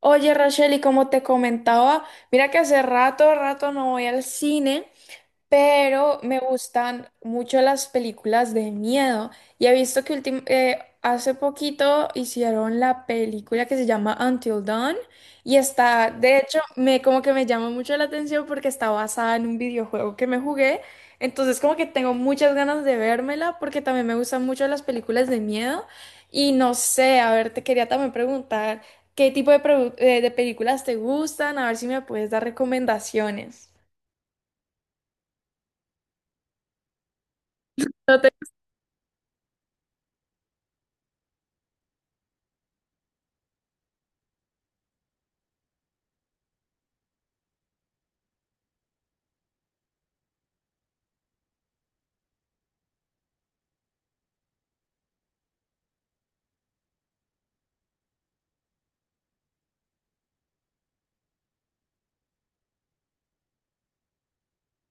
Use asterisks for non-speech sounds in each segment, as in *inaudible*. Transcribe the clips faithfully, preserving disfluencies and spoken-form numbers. Oye, Rachel, y como te comentaba, mira que hace rato, rato no voy al cine, pero me gustan mucho las películas de miedo. Y he visto que ultim- eh, hace poquito hicieron la película que se llama Until Dawn, y está, de hecho, me como que me llama mucho la atención porque está basada en un videojuego que me jugué. Entonces, como que tengo muchas ganas de vérmela porque también me gustan mucho las películas de miedo. Y no sé, a ver, te quería también preguntar qué tipo de, produ- eh, de películas te gustan, a ver si me puedes dar recomendaciones. No te-.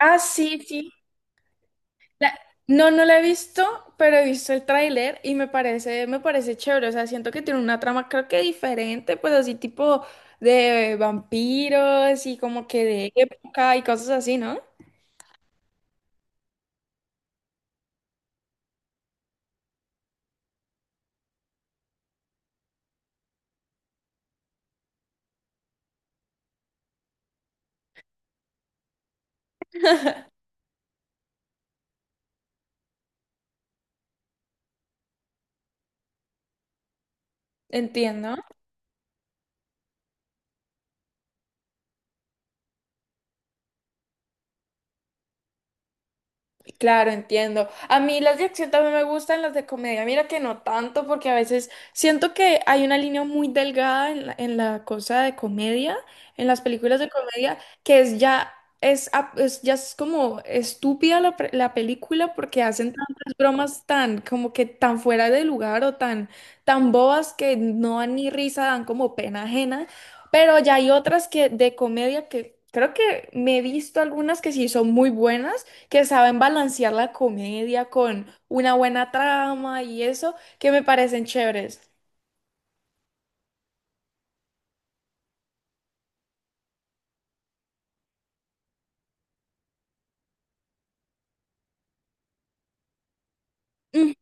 Ah, sí, sí. La-. No, no la he visto, pero he visto el tráiler y me parece, me parece chévere. O sea, siento que tiene una trama, creo que diferente, pues así tipo de vampiros y como que de época y cosas así, ¿no? Entiendo. Claro, entiendo. A mí las de acción también me gustan, las de comedia. Mira que no tanto, porque a veces siento que hay una línea muy delgada en la, en la cosa de comedia, en las películas de comedia, que es ya es, ap- es ya es como estúpida la, pre- la película, porque hacen tantas bromas tan como que tan fuera de lugar o tan tan bobas que no dan ni risa, dan como pena ajena. Pero ya hay otras, que de comedia, que creo que me he visto algunas que sí son muy buenas, que saben balancear la comedia con una buena trama y eso, que me parecen chéveres. Ujú.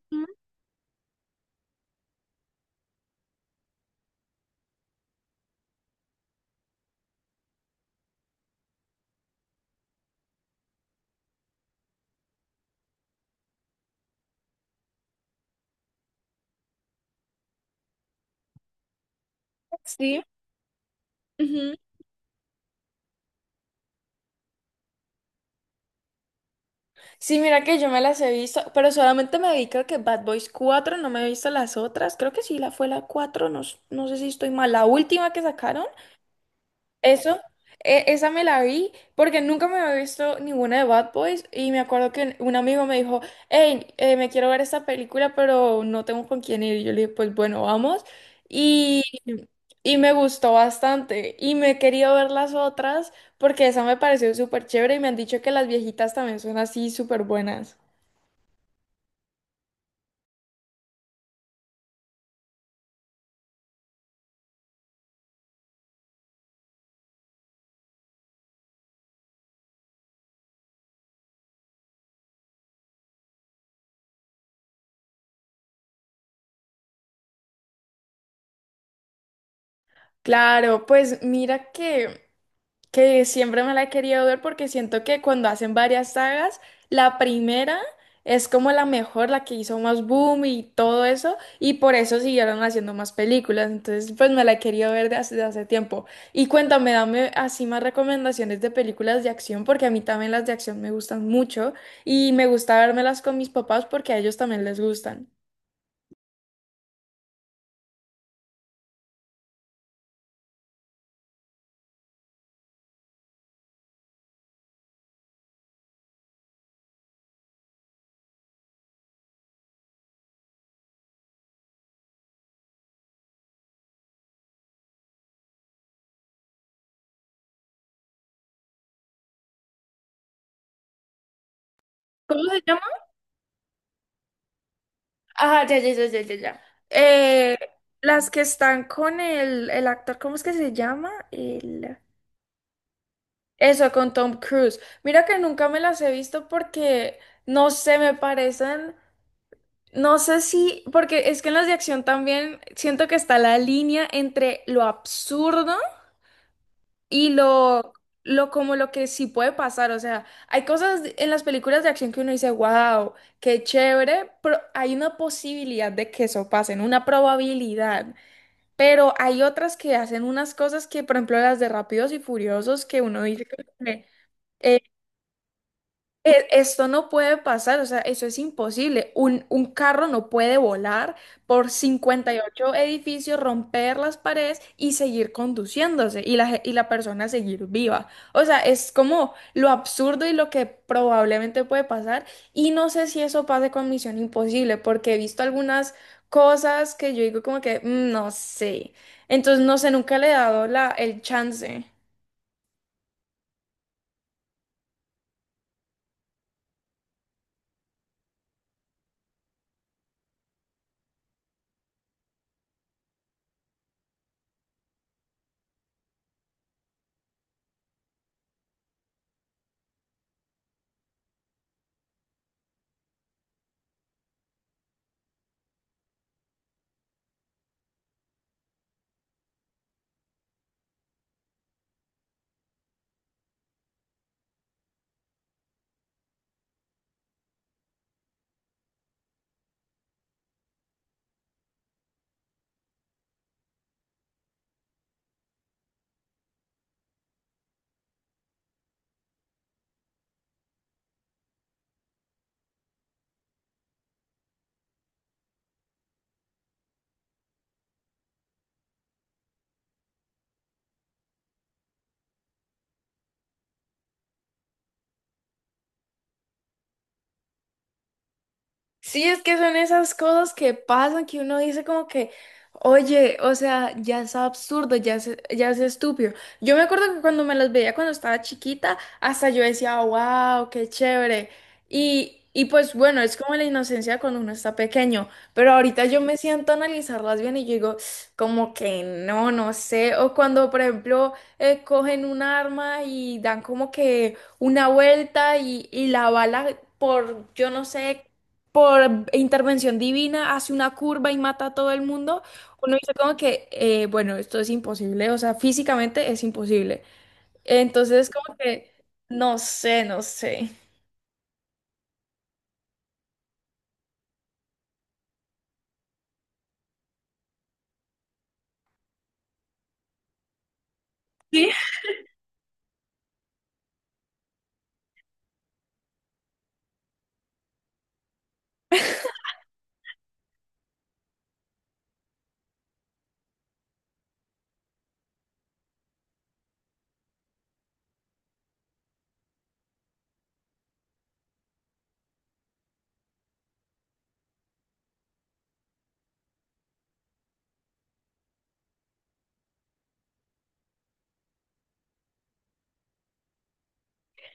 Sí. Ujú. Sí, mira que yo me las he visto, pero solamente me vi, creo que, Bad Boys cuatro. No me he visto las otras, creo que sí, la fue la cuatro, no, s-, no sé si estoy mal, la última que sacaron. Eso, e- esa me la vi porque nunca me había visto ninguna de Bad Boys, y me acuerdo que un amigo me dijo, hey, eh, me quiero ver esta película pero no tengo con quién ir. Y yo le dije, pues bueno, vamos. Y, y me gustó bastante y me he querido ver las otras, porque esa me pareció súper chévere y me han dicho que las viejitas también son así súper buenas. Claro, pues mira que… que siempre me la he querido ver porque siento que cuando hacen varias sagas, la primera es como la mejor, la que hizo más boom y todo eso, y por eso siguieron haciendo más películas. Entonces, pues me la he querido ver de hace, de hace tiempo. Y cuéntame, dame así más recomendaciones de películas de acción, porque a mí también las de acción me gustan mucho y me gusta vérmelas con mis papás porque a ellos también les gustan. ¿Cómo se llama? Ah, ya, ya, ya, ya, ya, ya. Eh, las que están con el, el actor, ¿cómo es que se llama? El… Eso, con Tom Cruise. Mira que nunca me las he visto porque, no sé, me parecen, no sé si, porque es que en las de acción también siento que está la línea entre lo absurdo y lo, lo como lo que sí puede pasar. O sea, hay cosas en las películas de acción que uno dice, wow, qué chévere, pero hay una posibilidad de que eso pase, ¿no? Una probabilidad. Pero hay otras que hacen unas cosas que, por ejemplo, las de Rápidos y Furiosos, que uno dice como que, eh, e- esto no puede pasar, o sea, eso es imposible. Un, un carro no puede volar por cincuenta y ocho edificios, romper las paredes y seguir conduciéndose y la, ge- y la persona seguir viva. O sea, es como lo absurdo y lo que probablemente puede pasar. Y no sé si eso pase con Misión Imposible, porque he visto algunas cosas que yo digo como que, "Mm, no sé". Entonces, no sé, nunca le he dado la, el chance. Sí, es que son esas cosas que pasan que uno dice como que, oye, o sea, ya es absurdo, ya es, ya es estúpido. Yo me acuerdo que cuando me las veía cuando estaba chiquita, hasta yo decía, wow, qué chévere. Y, y pues bueno, es como la inocencia cuando uno está pequeño, pero ahorita yo me siento a analizarlas bien y yo digo, como que no, no sé. O cuando, por ejemplo, eh, cogen un arma y dan como que una vuelta y, y la bala, por yo no sé, por intervención divina hace una curva y mata a todo el mundo, uno dice como que, eh, bueno, esto es imposible, o sea, físicamente es imposible. Entonces, como que, no sé, no sé. Sí,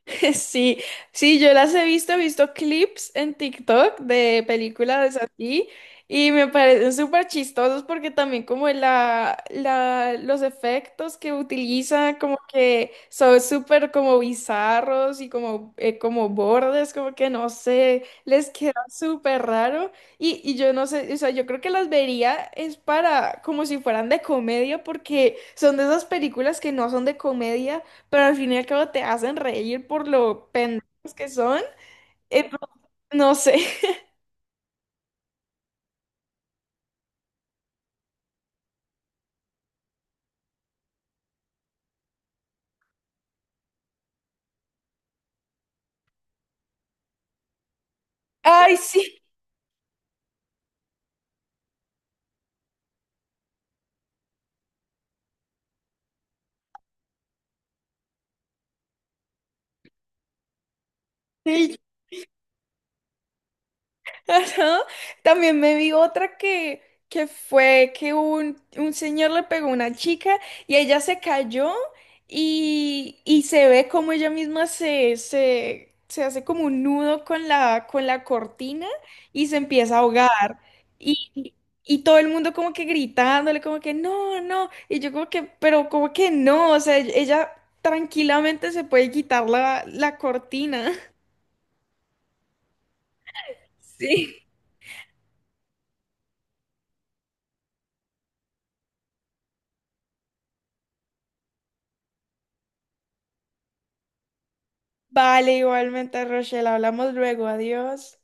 *laughs* sí, sí, yo las he visto, he visto clips en TikTok de películas así, y me parecen súper chistosos, porque también como la, la, los efectos que utiliza como que son súper como bizarros y como, eh, como bordes, como que no sé, les queda súper raro. Y, y yo no sé, o sea, yo creo que las vería es para como si fueran de comedia, porque son de esas películas que no son de comedia, pero al fin y al cabo te hacen reír por lo pendejos que son. Eh, no sé. *laughs* Ay, sí, sí, ajá. También me vi otra que, que fue que un, un señor le pegó a una chica y ella se cayó, y, y se ve como ella misma se, se, se hace como un nudo con la, con la cortina, y se empieza a ahogar. Y, y y todo el mundo como que gritándole, como que no, no. Y yo como que, pero como que no, o sea, ella tranquilamente se puede quitar la, la cortina. *laughs* Sí, vale, igualmente, Rochelle. Hablamos luego. Adiós.